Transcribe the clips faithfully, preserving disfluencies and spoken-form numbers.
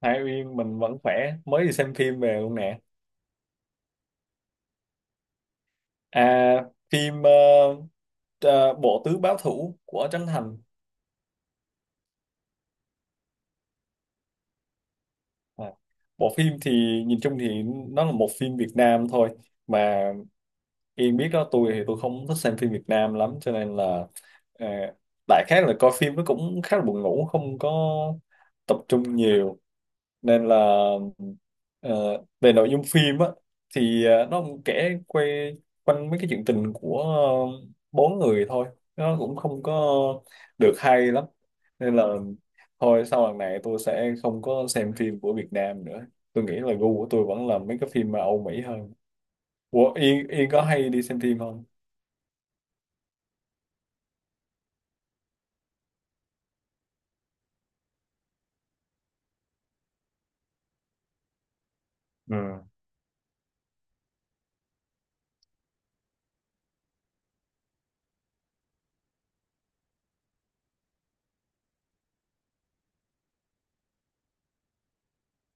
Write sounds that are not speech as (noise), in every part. Hai Uyên, mình vẫn khỏe, mới đi xem phim về luôn nè. À, phim ờ, ờ, Bộ Tứ Báo Thủ của Trấn Thành. À, bộ phim thì nhìn chung thì nó là một phim Việt Nam thôi. Mà Yên biết đó, tôi thì tôi không thích xem phim Việt Nam lắm cho nên là ờ, đại khái là coi phim nó cũng khá là buồn ngủ, không có tập trung nhiều. Nên là, ờ, về nội dung phim á, thì ờ, nó cũng kể quay quanh mấy cái chuyện tình của ờ, bốn người thôi. Nó cũng không có được hay lắm nên là thôi, sau lần này tôi sẽ không có xem phim của Việt Nam nữa. Tôi nghĩ là gu của tôi vẫn là mấy cái phim mà Âu Mỹ hơn. Ủa, Yên Yên có hay đi xem phim không? Ừ,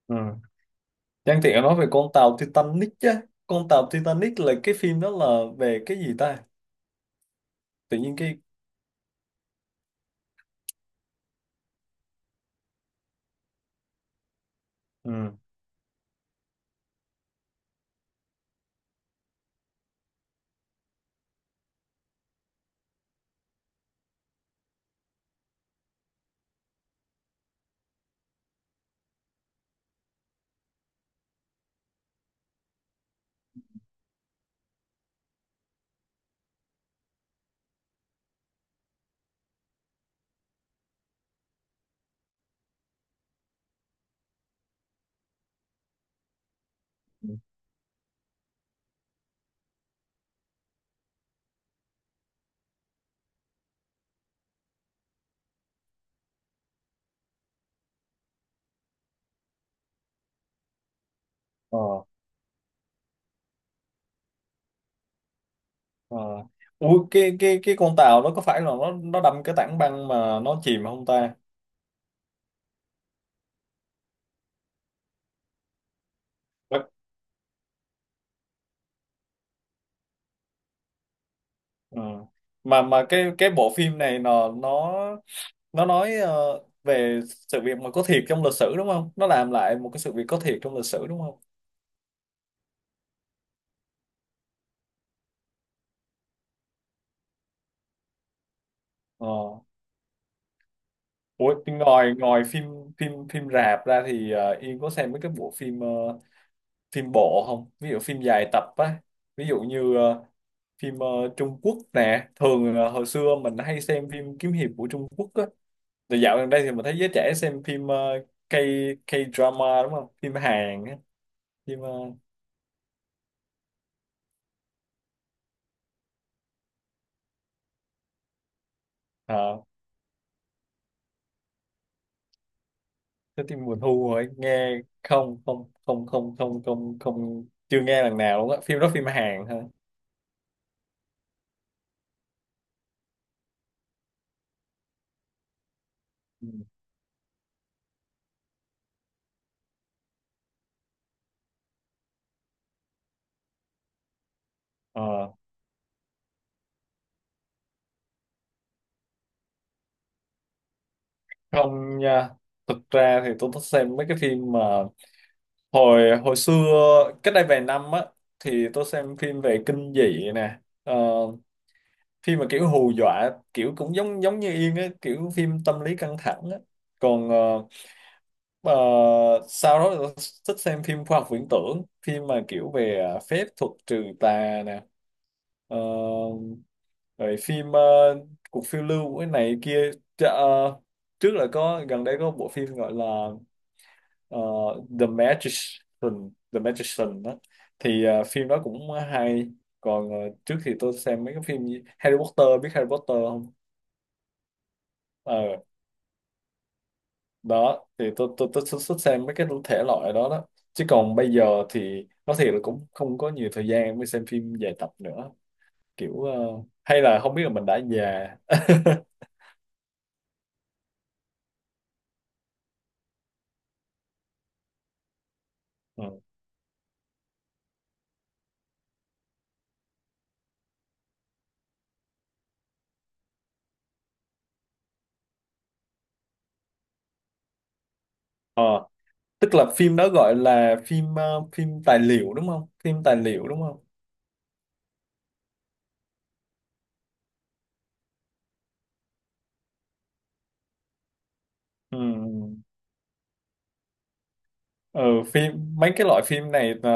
ừ. Nhân tiện nói về con tàu Titanic chứ, con tàu Titanic là cái phim đó là về cái gì ta? Tự nhiên cái. Ừ. Ờ. Ờ. Ủa, cái cái cái con tàu nó có phải là nó nó đâm cái tảng băng mà nó chìm không ta? Vâng. Ờ. Mà mà cái cái bộ phim này nó nó nó nói ờ, về sự việc mà có thiệt trong lịch sử đúng không? Nó làm lại một cái sự việc có thiệt trong lịch sử đúng không? Ờ. Ủa, ngoài ngoài phim phim phim rạp ra thì ờ, Yên có xem mấy cái bộ phim, ờ, phim bộ không? Ví dụ phim dài tập á, ví dụ như ờ, phim ờ, Trung Quốc nè, thường là hồi xưa mình hay xem phim kiếm hiệp của Trung Quốc á. Thì dạo gần đây thì mình thấy giới trẻ xem phim ờ, K K-drama đúng không? Phim Hàn á, phim uh, cái phim mùa thu rồi nghe. Không, không, không, không, không, không, không, chưa nghe lần nào luôn á. Phim đó phim Hàn hả? Ừ. Ờ, không nha. Thực ra thì tôi thích xem mấy cái phim mà hồi hồi xưa, cách đây vài năm á, thì tôi xem phim về kinh dị nè. Ờ, phim mà kiểu hù dọa, kiểu cũng giống giống như Yên á, kiểu phim tâm lý căng thẳng á. Còn ờ, Ờ, sau đó tôi thích xem phim khoa học viễn tưởng, phim mà kiểu về, à, phép thuật trừ tà nè. Ờ, rồi phim ờ, cuộc phiêu lưu của cái này kia. Chà, ờ, trước là có, gần đây có bộ phim gọi là ờ, The Magician, The Magician đó, thì ờ, phim đó cũng hay. Còn ờ, trước thì tôi xem mấy cái phim như Harry Potter. Biết Harry Potter không? Ờ, đó thì tôi tôi tôi xuất xuất xem mấy cái thể loại đó đó. Chứ còn bây giờ thì nói thiệt là cũng không có nhiều thời gian mới xem phim dài tập nữa, kiểu ờ, hay là không biết là mình đã già. (laughs) Ừ. Ờ, tức là phim đó gọi là phim, ờ, phim tài liệu đúng không, phim tài liệu đúng không? Ừ. Ừ, phim, mấy cái loại phim này ờ,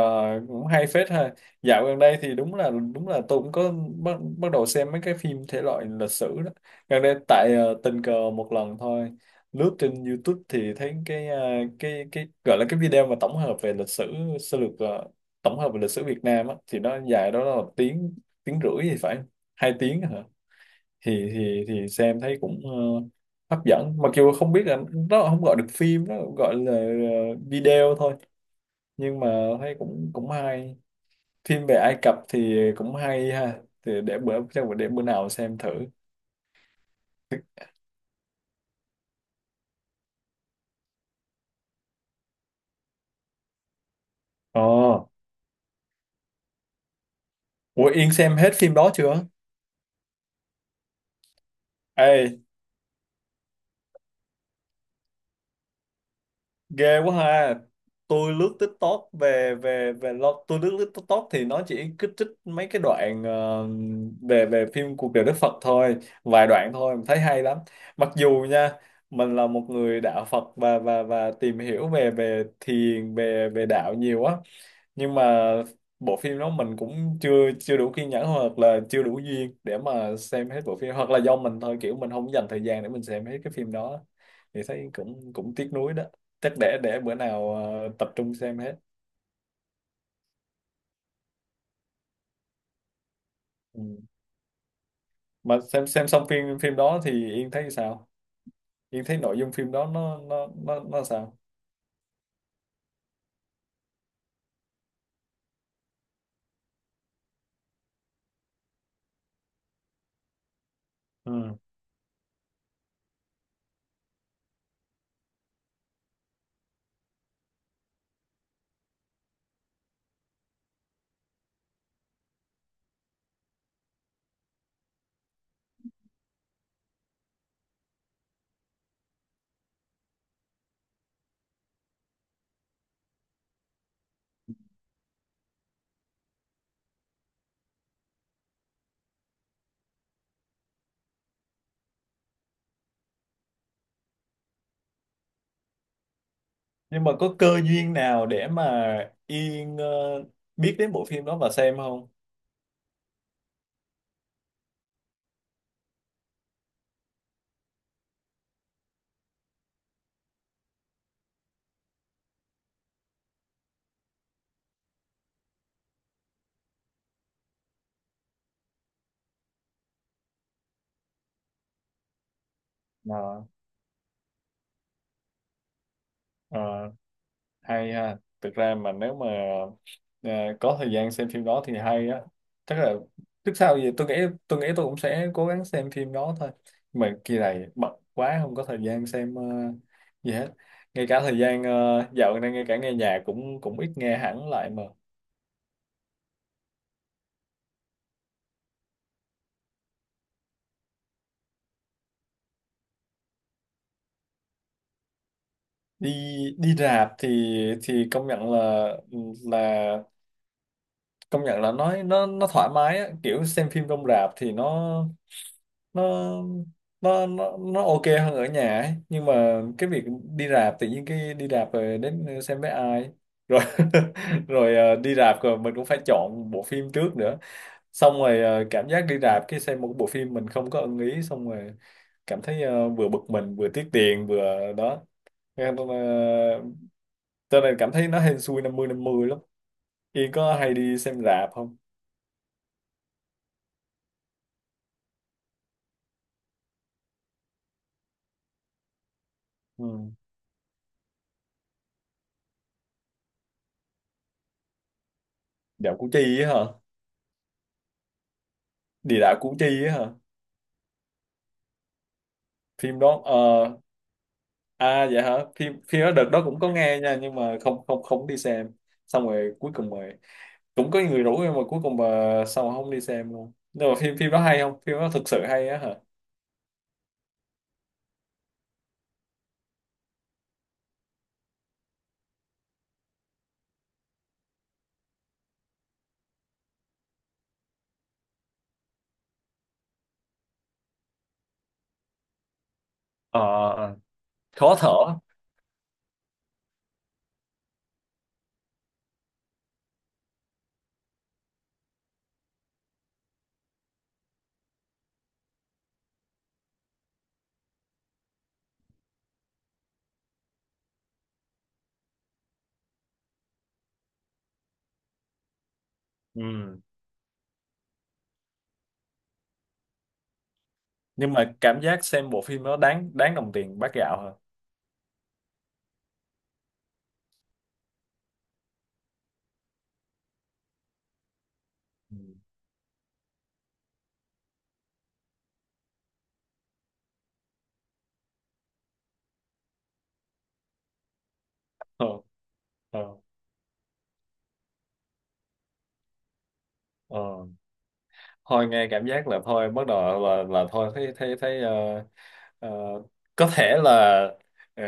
cũng hay phết ha. Dạo gần đây thì đúng là, đúng là tôi cũng có bắt bắt đầu xem mấy cái phim thể loại lịch sử đó gần đây, tại ờ, tình cờ một lần thôi lướt trên YouTube thì thấy cái, ờ, cái cái gọi là cái video mà tổng hợp về lịch sử sơ lược, ờ, tổng hợp về lịch sử Việt Nam á, thì nó dài đó là một tiếng, tiếng rưỡi thì phải, hai tiếng hả? Thì thì thì xem thấy cũng ờ, hấp dẫn, mặc dù không biết là nó không gọi được phim, nó gọi là ờ, video thôi, nhưng mà thấy cũng cũng hay. Phim về Ai Cập thì cũng hay ha, thì để bữa, chắc bữa để bữa nào xem thử. Ờ. Ủa Yên xem hết phim đó chưa? Ê, ghê quá ha. Tôi lướt TikTok về về về lo- tôi lướt lướt TikTok thì nó chỉ kích thích mấy cái đoạn ờ, về về phim cuộc đời Đức Phật thôi, vài đoạn thôi mà thấy hay lắm. Mặc dù nha, mình là một người đạo Phật và và và tìm hiểu về về thiền, về về đạo nhiều á, nhưng mà bộ phim đó mình cũng chưa chưa đủ kiên nhẫn hoặc là chưa đủ duyên để mà xem hết bộ phim, hoặc là do mình thôi, kiểu mình không dành thời gian để mình xem hết cái phim đó. Thì thấy cũng cũng tiếc nuối đó. Chắc để, để bữa nào ờ, tập trung xem hết. Ừ. Mà xem, xem xong phim, phim đó thì Yên thấy sao? Yên thấy nội dung phim đó nó nó nó nó sao? Ừ. Nhưng mà có cơ duyên nào để mà Yên ờ, biết đến bộ phim đó và xem không? Ờ. Ờ. Hay ha, thực ra mà nếu mà ờ, có thời gian xem phim đó thì hay á. Chắc là, trước sau gì tôi nghĩ, tôi nghĩ tôi cũng sẽ cố gắng xem phim đó thôi, mà kỳ này bận quá không có thời gian xem ờ, gì hết. Ngay cả thời gian, ờ, dạo này ngay cả nghe nhạc cũng cũng ít nghe hẳn lại mà. Đi đi rạp thì thì công nhận là, là công nhận là, nói nó nó thoải mái á, kiểu xem phim trong rạp thì nó nó nó nó nó ok hơn ở nhà ấy. Nhưng mà cái việc đi rạp, tự nhiên cái đi rạp rồi đến xem với ai rồi, (laughs) rồi ờ, đi rạp rồi mình cũng phải chọn bộ phim trước nữa, xong rồi ờ, cảm giác đi rạp cái xem một bộ phim mình không có ưng ý, xong rồi cảm thấy ờ, vừa bực mình vừa tiếc tiền vừa đó. Nên, ờ, cho nên cảm thấy nó hên xui năm mươi năm mươi lắm. Yên có hay đi xem rạp không? Ừ. Dạo Củ Chi á hả? Địa đạo Củ Chi á hả? Phim đó ờ, à dạ hả? Phim phim đó đợt đó cũng có nghe nha, nhưng mà không không không đi xem. Xong rồi cuối cùng mà cũng có người rủ nhưng mà cuối cùng mà sao mà không đi xem luôn. Nhưng mà phim phim đó hay không? Phim đó thực sự hay á hả? Ờ, khó thở. Ừ. Nhưng mà cảm giác xem bộ phim đó đáng, đáng đồng tiền bát gạo hả? Ừ. Ờ, ờ, ờ. Thôi nghe cảm giác là thôi bắt đầu là, là thôi, thấy thấy thấy ờ, ờ, có thể là ờ,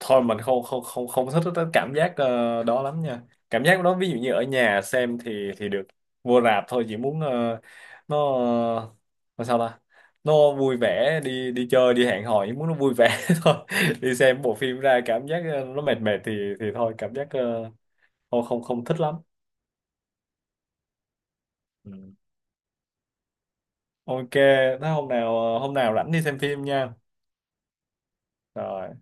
thôi mình không không không không thích cái cảm giác ờ, đó lắm nha. Cảm giác đó ví dụ như ở nhà xem thì thì được, vô rạp thôi chỉ muốn ờ, nó ờ, nó sao ta, nó vui vẻ đi, đi chơi, đi hẹn hò, chỉ muốn nó vui vẻ (laughs) thôi. Đi xem bộ phim ra cảm giác ờ, nó mệt, mệt thì thì thôi, cảm giác ờ, không không không thích lắm. Ừ. Ok. Thế hôm nào, ờ, hôm nào rảnh đi xem phim nha. Rồi.